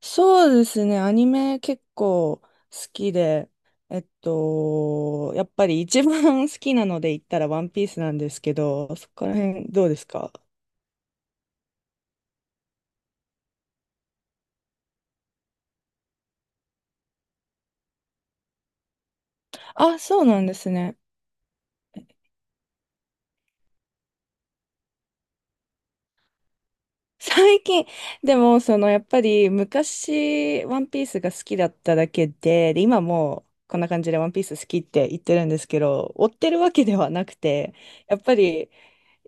そうですね、アニメ結構好きで、やっぱり一番 好きなので言ったらワンピースなんですけど、そこら辺どうですか？あ、そうなんですね。最近、でも、その、やっぱり昔、ワンピースが好きだっただけで、で、今もうこんな感じでワンピース好きって言ってるんですけど、追ってるわけではなくて、やっぱり、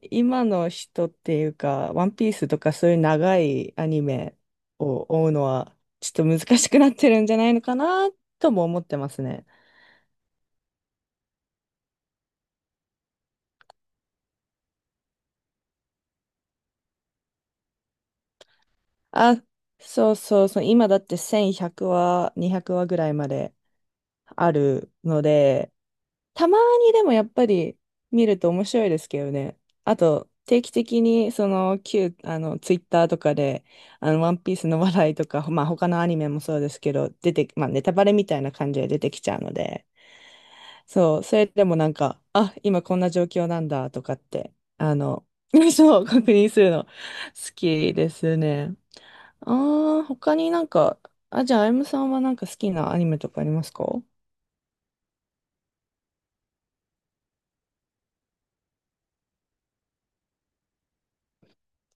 今の人っていうか、ワンピースとかそういう長いアニメを追うのは、ちょっと難しくなってるんじゃないのかなとも思ってますね。あ、そうそうそう、今だって1100話、200話ぐらいまであるので、たまにでもやっぱり見ると面白いですけどね。あと、定期的にその旧、ツイッターとかで、ワンピースの話題とか、まあ他のアニメもそうですけど、出て、まあネタバレみたいな感じで出てきちゃうので、そう、それでもなんか、あ、今こんな状況なんだとかって、そう、確認するの好きですね。ああ、他になんか、あ、じゃあ、あゆむさんはなんか好きなアニメとかありますか？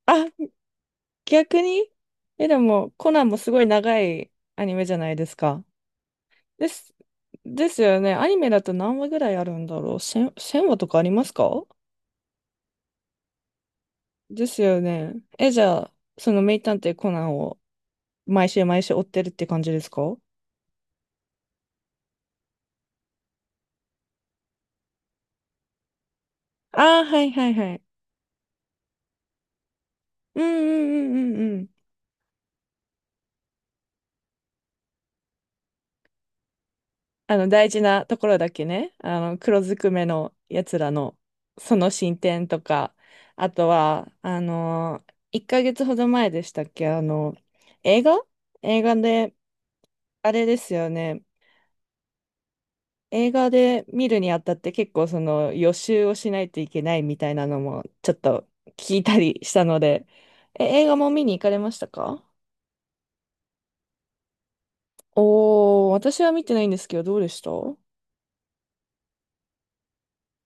あ、逆に。え、でも、コナンもすごい長いアニメじゃないですか。です、ですよね。アニメだと何話ぐらいあるんだろう。1000、話とかありますか？ですよね。え、じゃあ、その名探偵コナンを毎週毎週追ってるって感じですか？ああ、はいはいはい。うんうんうんうんうん。大事なところだけね。黒ずくめのやつらの、その進展とか、あとは、1ヶ月ほど前でしたっけ、映画で、あれですよね。映画で見るにあたって結構その予習をしないといけないみたいなのもちょっと聞いたりしたので、え、映画も見に行かれましたか？おー、私は見てないんですけど、どうでした？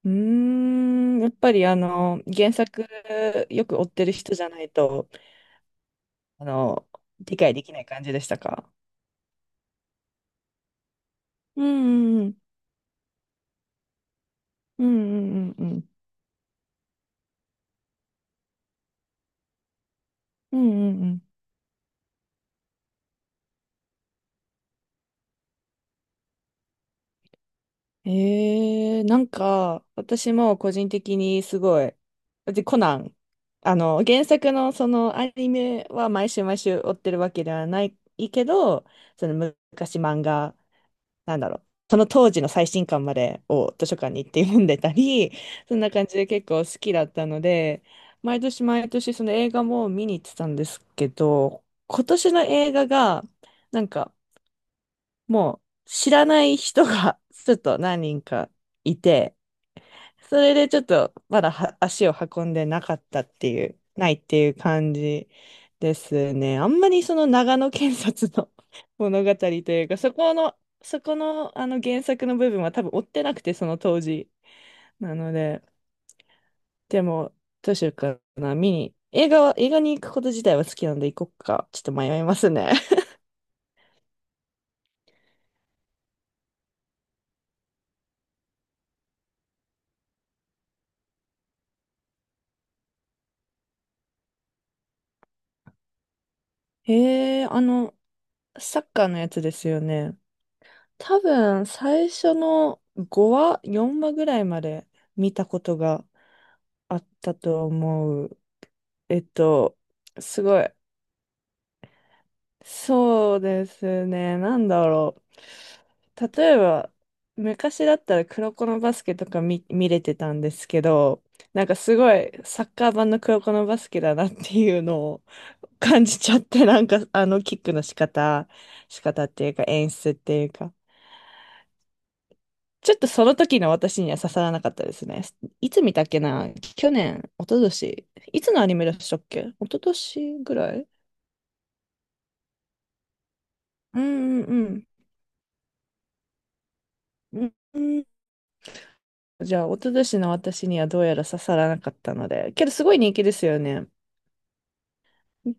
うーん、やっぱり原作よく追ってる人じゃないと、あの、理解できない感じでしたか？うんうんうん。うんうんうんうん。うんうんうん。えー、なんか、私も個人的にすごい、で、コナン、原作のそのアニメは毎週毎週追ってるわけではないけど、その昔漫画なんだろう、その当時の最新刊までを図書館に行って読んでたり、そんな感じで結構好きだったので、毎年毎年その映画も見に行ってたんですけど、今年の映画が、なんかもう知らない人が ちょっと何人かいて、それでちょっとまだは足を運んでなかったっていう、ないっていう感じですね。あんまりその長野県察の 物語というか、そこの、あの原作の部分は多分追ってなくて、その当時。なので、でも、どうしようかな、見に。映画に行くこと自体は好きなんで行こっか。ちょっと迷いますね。へえ、サッカーのやつですよね。多分、最初の5話、4話ぐらいまで見たことがあったと思う。えっと、すごい。そうですね。なんだろう。例えば、昔だったら黒子のバスケとか見れてたんですけど、なんかすごいサッカー版の黒子のバスケだなっていうのを 感じちゃって、なんかあのキックの仕方、っていうか演出っていうか、ちょっとその時の私には刺さらなかったですね。いつ見たっけな去年、一昨年。いつのアニメでしたっけ？一昨年ぐらい。うんうんうん。うん。じゃあ、一昨年の私にはどうやら刺さらなかったので。けど、すごい人気ですよね。み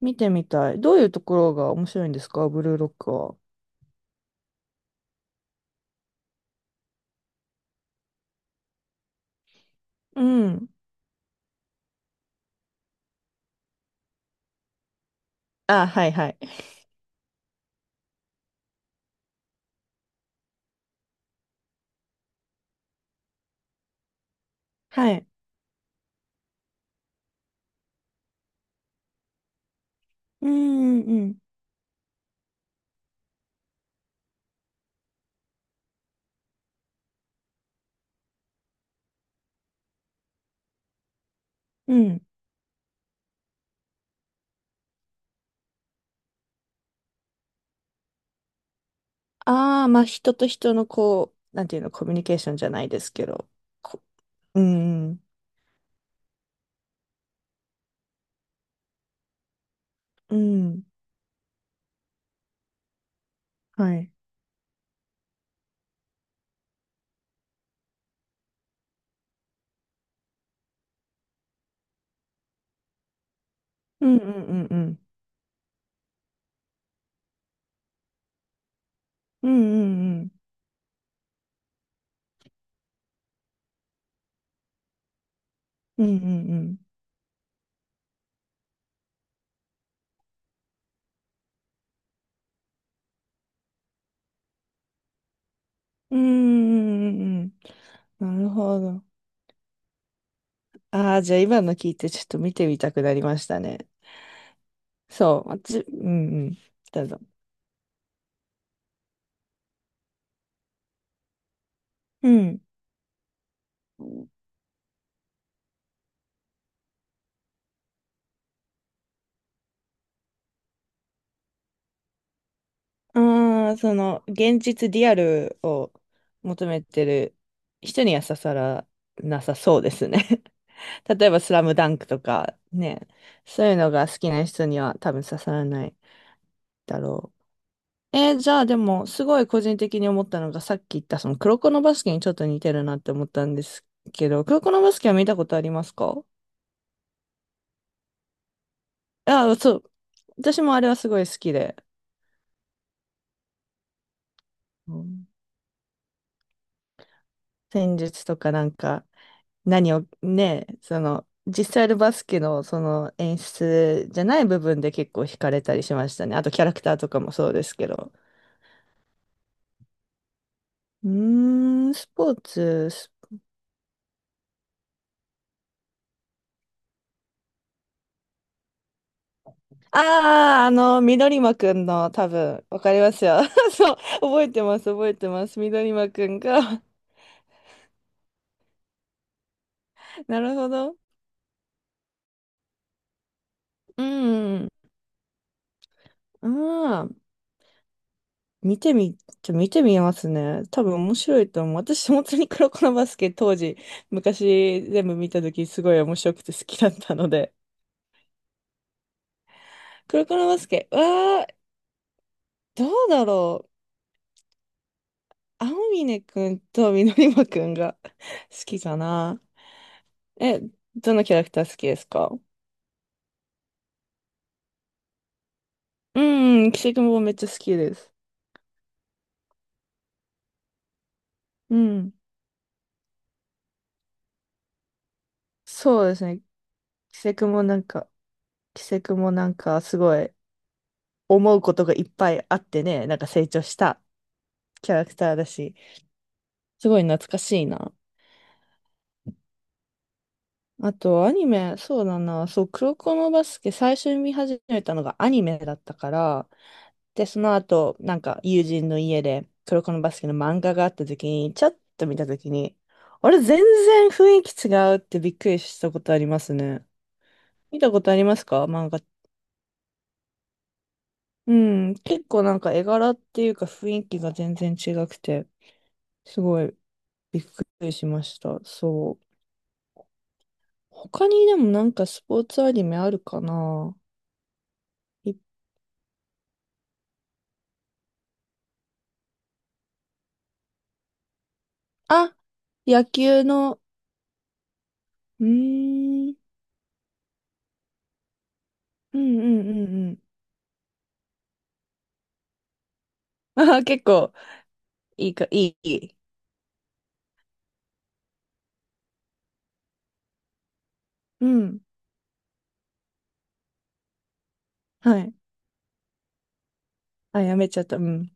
見てみたい。どういうところが面白いんですかブルーロックは。うん。あ、はいはい。はい。うんうんうん。うん。ああ、まあ、人と人のこう、なんていうの、コミュニケーションじゃないですけど。こうんうんうん。はい。うんうんうんうん。うんうんうん。うんうんうん。うんうんうんうん。なるほど。ああ、じゃあ今の聞いてちょっと見てみたくなりましたね。そう、私、うんうん、どうぞ。うん。ああ、その、現実リアルを求めてる人には刺さらなさそうですね。例えば、スラムダンクとかね、そういうのが好きな人には多分刺さらないだろう。えーじゃあでも、すごい個人的に思ったのが、さっき言ったその、黒子のバスケにちょっと似てるなって思ったんですけど、黒子のバスケは見たことありますか？あ、そう。私もあれはすごい好きで、うん、戦術とかなんか、何をね、その、実際のバスケのその演出じゃない部分で結構惹かれたりしましたね。あとキャラクターとかもそうですけど。うーん、スポーツ、スああ、緑間くんの多分、わかりますよ。そう、覚えてます、覚えてます。緑間くんが。なるほど。うん、うん。見てみますね。多分面白いと思う。私、本当に黒子のバスケ当時、昔全部見た時すごい面白くて好きだったので。黒子のバスケ、わー、どうだろう。青峰くんと緑馬くんが 好きかな。え、どのキャラクター好きですか？うん、キセクもめっちゃ好きです。うん。そうですね。キセクもなんか、キセクもなんかすごい思うことがいっぱいあってね、なんか成長したキャラクターだし。すごい懐かしいな。あと、アニメ、そうだな、そう、黒子のバスケ、最初に見始めたのがアニメだったから、で、その後、なんか、友人の家で、黒子のバスケの漫画があった時に、ちょっと見た時に、あれ、全然雰囲気違うってびっくりしたことありますね。見たことありますか漫画？うん、結構なんか絵柄っていうか雰囲気が全然違くて、すごいびっくりしました。そう。他にでもなんかスポーツアニメあるかな？いあ、野球の、うーん、うんうんうんうん。あ、結構、いい。いい。うん。はい。あ、やめちゃった。うん。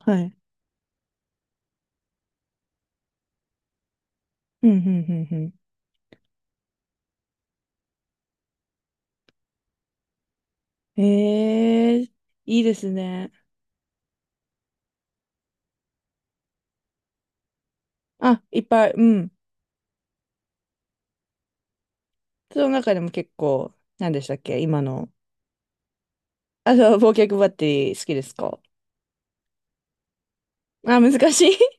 はい。うん、うん、うん、うん。ええー、いいですね。あ、いっぱい、うん。その中でも結構、何でしたっけ今の。あ、そう、忘却バッテリー好きですか？あ、難しい。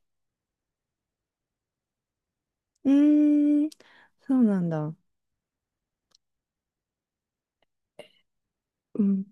うーん、そうなんだ。うん。